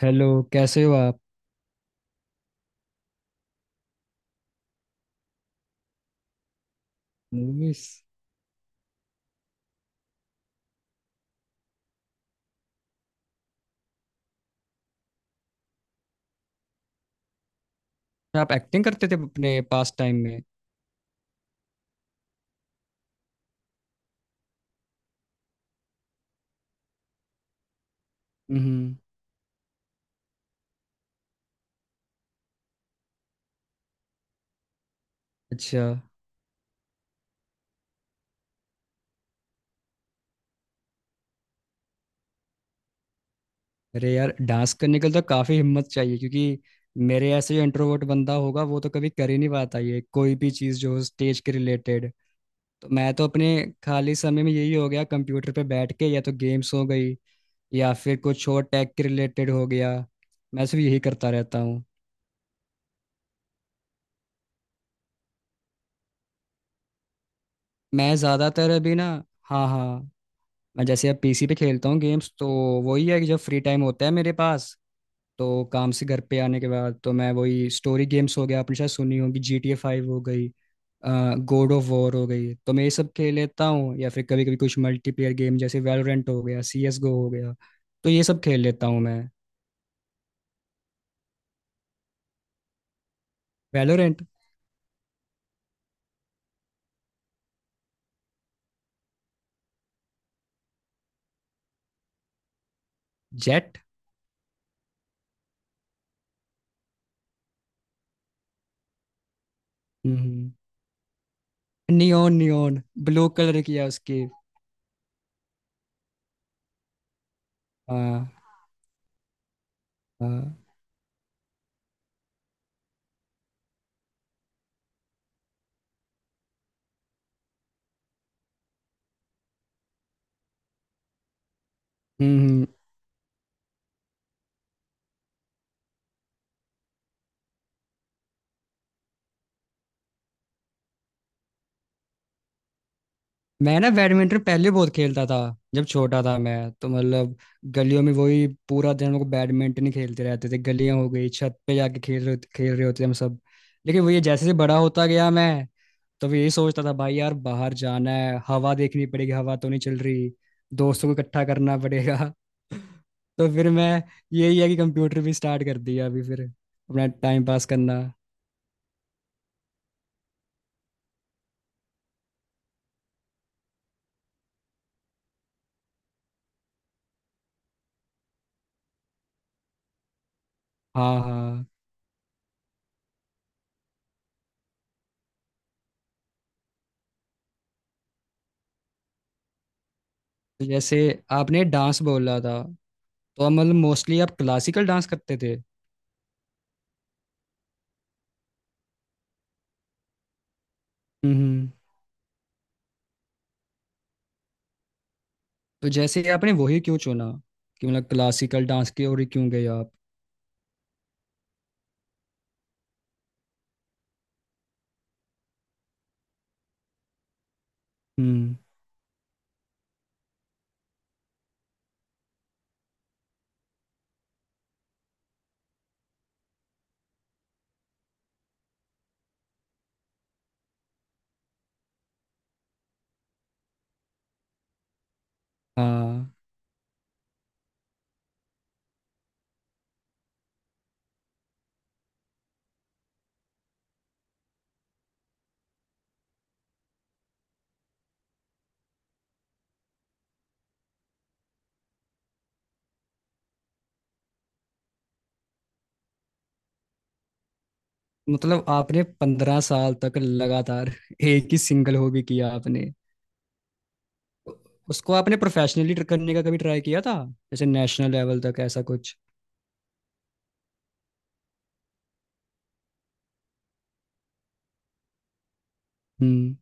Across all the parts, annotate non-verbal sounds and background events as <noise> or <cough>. Hello. कैसे हो आप? मूवीज? में आप एक्टिंग करते थे अपने पास टाइम में? हम्म। अच्छा। अरे यार डांस करने के लिए तो काफ़ी हिम्मत चाहिए क्योंकि मेरे ऐसे जो इंट्रोवर्ट बंदा होगा वो तो कभी कर ही नहीं पाता ये कोई भी चीज़ जो हो स्टेज के रिलेटेड। तो मैं तो अपने खाली समय में यही हो गया कंप्यूटर पे बैठ के या तो गेम्स हो गई या फिर कुछ और टेक के रिलेटेड हो गया। मैं सिर्फ यही करता रहता हूँ। मैं ज़्यादातर अभी ना। हाँ हाँ। मैं जैसे अब PC पे खेलता हूँ गेम्स तो वही है कि जब फ्री टाइम होता है मेरे पास तो काम से घर पे आने के बाद तो मैं वही स्टोरी गेम्स हो गया आपने शायद सुनी होगी GTA 5 हो गई गॉड ऑफ वॉर हो गई तो मैं ये सब खेल लेता हूँ या फिर कभी कभी कुछ मल्टीप्लेयर गेम जैसे वैलोरेंट हो गया CS Go हो गया तो ये सब खेल लेता हूँ मैं। Valorant. Jett. Neon. Neon. Blue colour किया उसकी। हाँ हाँ। हम्म, हम्म, मैं ना बैडमिंटन पहले बहुत खेलता था जब छोटा था मैं तो मतलब गलियों में वही पूरा दिन हम लोग बैडमिंटन ही खेलते रहते थे गलियां हो गई छत पे जाके खेल रहे होते हम सब। लेकिन वो ये जैसे जैसे बड़ा होता गया मैं तो भी यही सोचता था भाई यार बाहर जाना है हवा देखनी पड़ेगी हवा तो नहीं चल रही दोस्तों को इकट्ठा करना पड़ेगा <laughs> तो फिर मैं यही है कि कंप्यूटर भी स्टार्ट कर दिया अभी फिर अपना टाइम पास करना। हाँ हाँ। तो जैसे आपने डांस बोला था तो हम मतलब मोस्टली आप क्लासिकल डांस करते थे? हम्म। तो जैसे ही आपने वही क्यों चुना कि मतलब क्लासिकल डांस की ओर ही क्यों गए आप? हम्म। हाँ मतलब आपने 15 साल तक लगातार एक ही सिंगल हॉबी किया आपने? उसको आपने प्रोफेशनली करने का कभी ट्राई किया था जैसे नेशनल लेवल तक ऐसा कुछ? हम्म।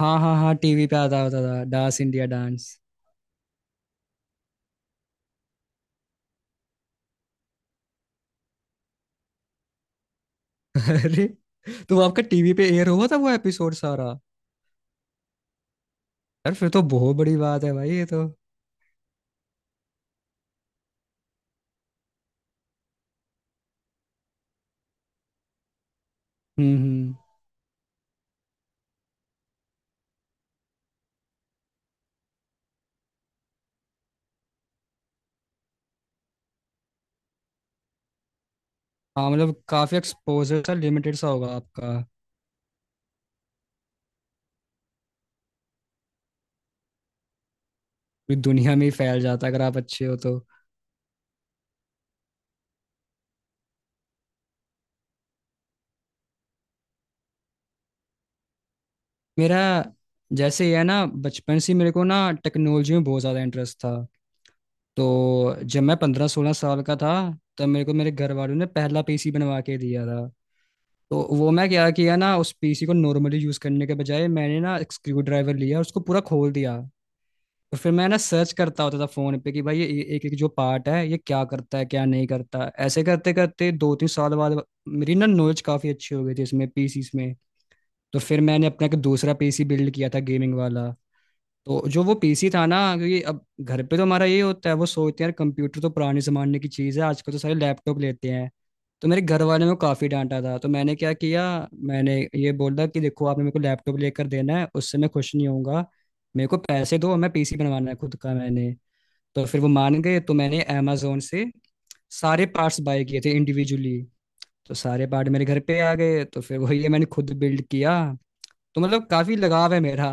हाँ हाँ हाँ TV पे आता होता था डांस इंडिया डांस। <laughs> अरे। तो वो आपका TV पे एयर हुआ था वो एपिसोड सारा? यार फिर तो बहुत बड़ी बात है भाई ये तो। हम्म। हाँ मतलब काफी एक्सपोजर सा लिमिटेड सा होगा आपका। पूरी दुनिया में ही फैल जाता है अगर आप अच्छे हो तो। मेरा जैसे ये है ना बचपन से ही मेरे को ना टेक्नोलॉजी में बहुत ज़्यादा इंटरेस्ट था। तो जब मैं 15-16 साल का था तब मेरे को मेरे घर वालों ने पहला PC बनवा के दिया था। तो वो मैं क्या किया ना उस PC को नॉर्मली यूज़ करने के बजाय मैंने ना एक स्क्रू ड्राइवर लिया और उसको पूरा खोल दिया। और फिर मैं ना सर्च करता होता था फ़ोन पे कि भाई ये एक एक जो पार्ट है ये क्या करता है क्या नहीं करता ऐसे करते करते 2-3 साल बाद मेरी ना नॉलेज काफ़ी अच्छी हो गई थी इसमें PCs में। तो फिर मैंने अपना एक दूसरा PC बिल्ड किया था गेमिंग वाला। तो जो वो PC था ना क्योंकि अब घर पे तो हमारा ये होता है वो सोचते हैं यार कंप्यूटर तो पुराने जमाने की चीज़ है आजकल तो सारे लैपटॉप लेते हैं। तो मेरे घर वाले ने काफ़ी डांटा था तो मैंने क्या किया मैंने ये बोला कि देखो आपने मेरे को लैपटॉप लेकर देना है उससे मैं खुश नहीं होऊंगा। मेरे को पैसे दो मैं PC बनवाना है खुद का मैंने। तो फिर वो मान गए तो मैंने अमेजोन से सारे पार्ट्स बाय किए थे इंडिविजुअली। तो सारे पार्ट मेरे घर पे आ गए तो फिर वही है मैंने खुद बिल्ड किया। तो मतलब काफी लगाव है मेरा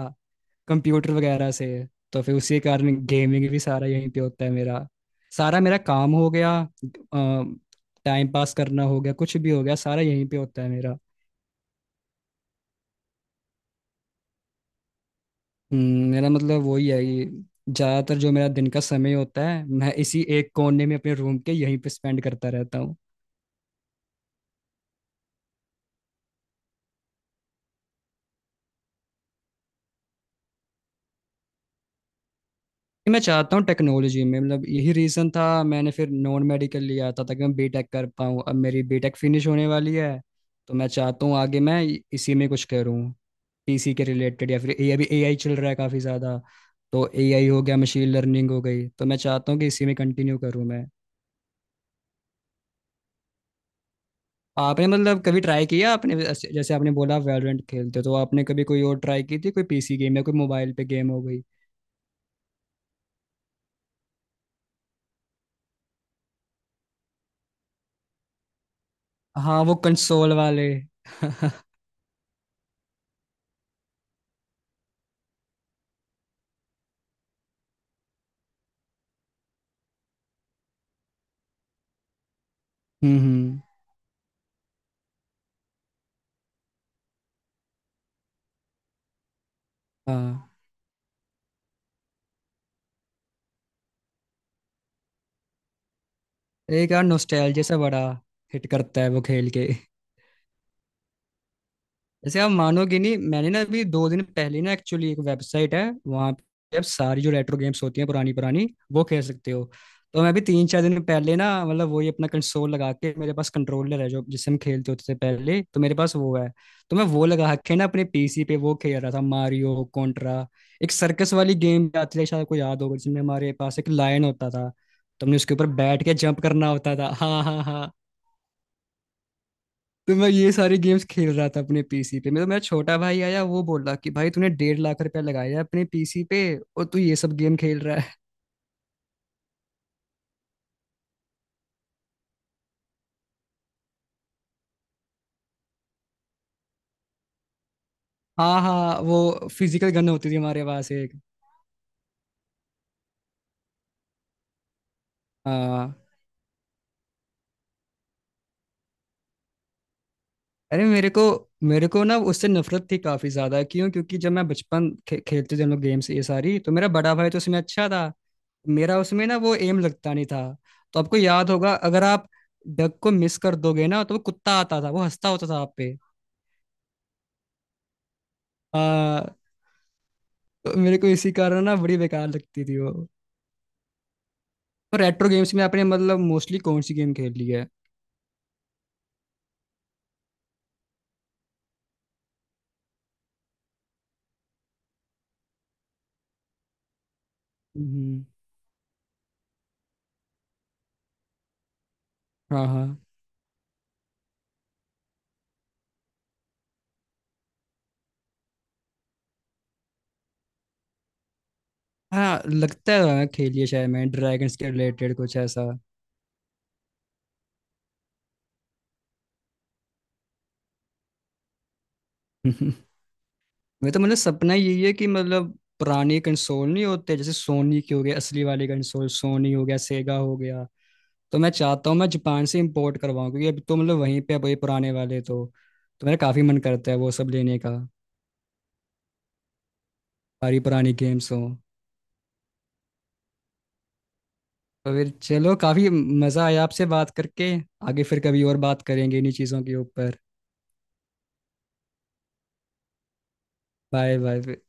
कंप्यूटर वगैरह से। तो फिर उसी के कारण गेमिंग भी सारा यहीं पे होता है मेरा। सारा मेरा काम हो गया टाइम पास करना हो गया कुछ भी हो गया सारा यहीं पे होता है मेरा। मेरा मतलब वही है कि ज्यादातर जो मेरा दिन का समय होता है मैं इसी एक कोने में अपने रूम के यहीं पे स्पेंड करता रहता हूँ। मैं चाहता हूँ टेक्नोलॉजी में मतलब यही रीज़न था मैंने फिर नॉन मेडिकल लिया था ताकि मैं बीटेक कर पाऊँ अब मेरी बीटेक फिनिश होने वाली है। तो मैं चाहता हूँ आगे मैं इसी में कुछ करूँ पीसी के रिलेटेड या फिर ए अभी AI चल रहा है काफ़ी ज़्यादा। तो AI हो गया मशीन लर्निंग हो गई तो मैं चाहता हूँ कि इसी में कंटिन्यू करूँ मैं। आपने मतलब कभी ट्राई किया आपने जैसे जैसे आपने बोला आप वैलोरेंट खेलते हो तो आपने कभी कोई और ट्राई की थी कोई PC गेम या कोई मोबाइल पे गेम हो गई? हाँ वो कंसोल वाले <laughs> हम्म। हम्म। हाँ। एक यार नोस्टैल्जिया से बड़ा हिट करता है वो खेल के। जैसे आप मानोगे नहीं मैंने ना अभी 2 दिन पहले ना एक्चुअली एक वेबसाइट है वहाँ पे आप सारी जो रेट्रो गेम्स होती हैं पुरानी पुरानी वो खेल सकते हो। तो मैं अभी 3-4 दिन पहले ना मतलब वही अपना कंसोल लगा के मेरे पास कंट्रोलर है जो जिससे हम खेलते होते थे पहले तो मेरे पास वो है। तो मैं वो लगा के ना अपने PC पे वो खेल रहा था मारियो कॉन्ट्रा। एक सर्कस वाली गेम भी आती है शायद आपको याद होगा जिसमें हमारे पास एक लायन होता था। तो हमने उसके ऊपर बैठ के जंप करना होता था हाँ हाँ हाँ। तो मैं ये सारे गेम्स खेल रहा था अपने PC पे मेरा मेरा छोटा भाई आया वो बोला कि भाई तूने 1.5 लाख रुपया लगाया है अपने PC पे और तू ये सब गेम खेल रहा है। <laughs> हाँ हाँ वो फिजिकल गन होती थी हमारे पास एक। हाँ। अरे मेरे को ना उससे नफरत थी काफी ज्यादा क्यों क्योंकि जब मैं बचपन खेलते थे हम लोग गेम्स ये सारी तो मेरा बड़ा भाई तो उसमें अच्छा था। मेरा उसमें ना वो एम लगता नहीं था। तो आपको याद होगा अगर आप डग को मिस कर दोगे ना तो वो कुत्ता आता था वो हंसता होता था आप पे। हाँ, तो मेरे को इसी कारण ना बड़ी बेकार लगती थी वो। और रेट्रो गेम्स में आपने मतलब मोस्टली कौन सी गेम खेली है? हम्म। हाँ हाँ हाँ लगता है खेलिए शायद मैं ड्रैगन्स के रिलेटेड कुछ ऐसा। <laughs> मैं तो मतलब सपना यही है कि मतलब पुराने कंसोल नहीं होते जैसे सोनी के हो गए असली वाले कंसोल सोनी हो गया सेगा हो गया। तो मैं चाहता हूँ मैं जापान से इंपोर्ट करवाऊँ क्योंकि अभी तो मतलब वहीं पे अब ये पुराने वाले तो। तो मेरा काफी मन करता है वो सब लेने का सारी पुरानी गेम्स हो। तो फिर चलो काफी मजा आया आपसे बात करके आगे फिर कभी और बात करेंगे इन्हीं चीजों के ऊपर। Bye bye.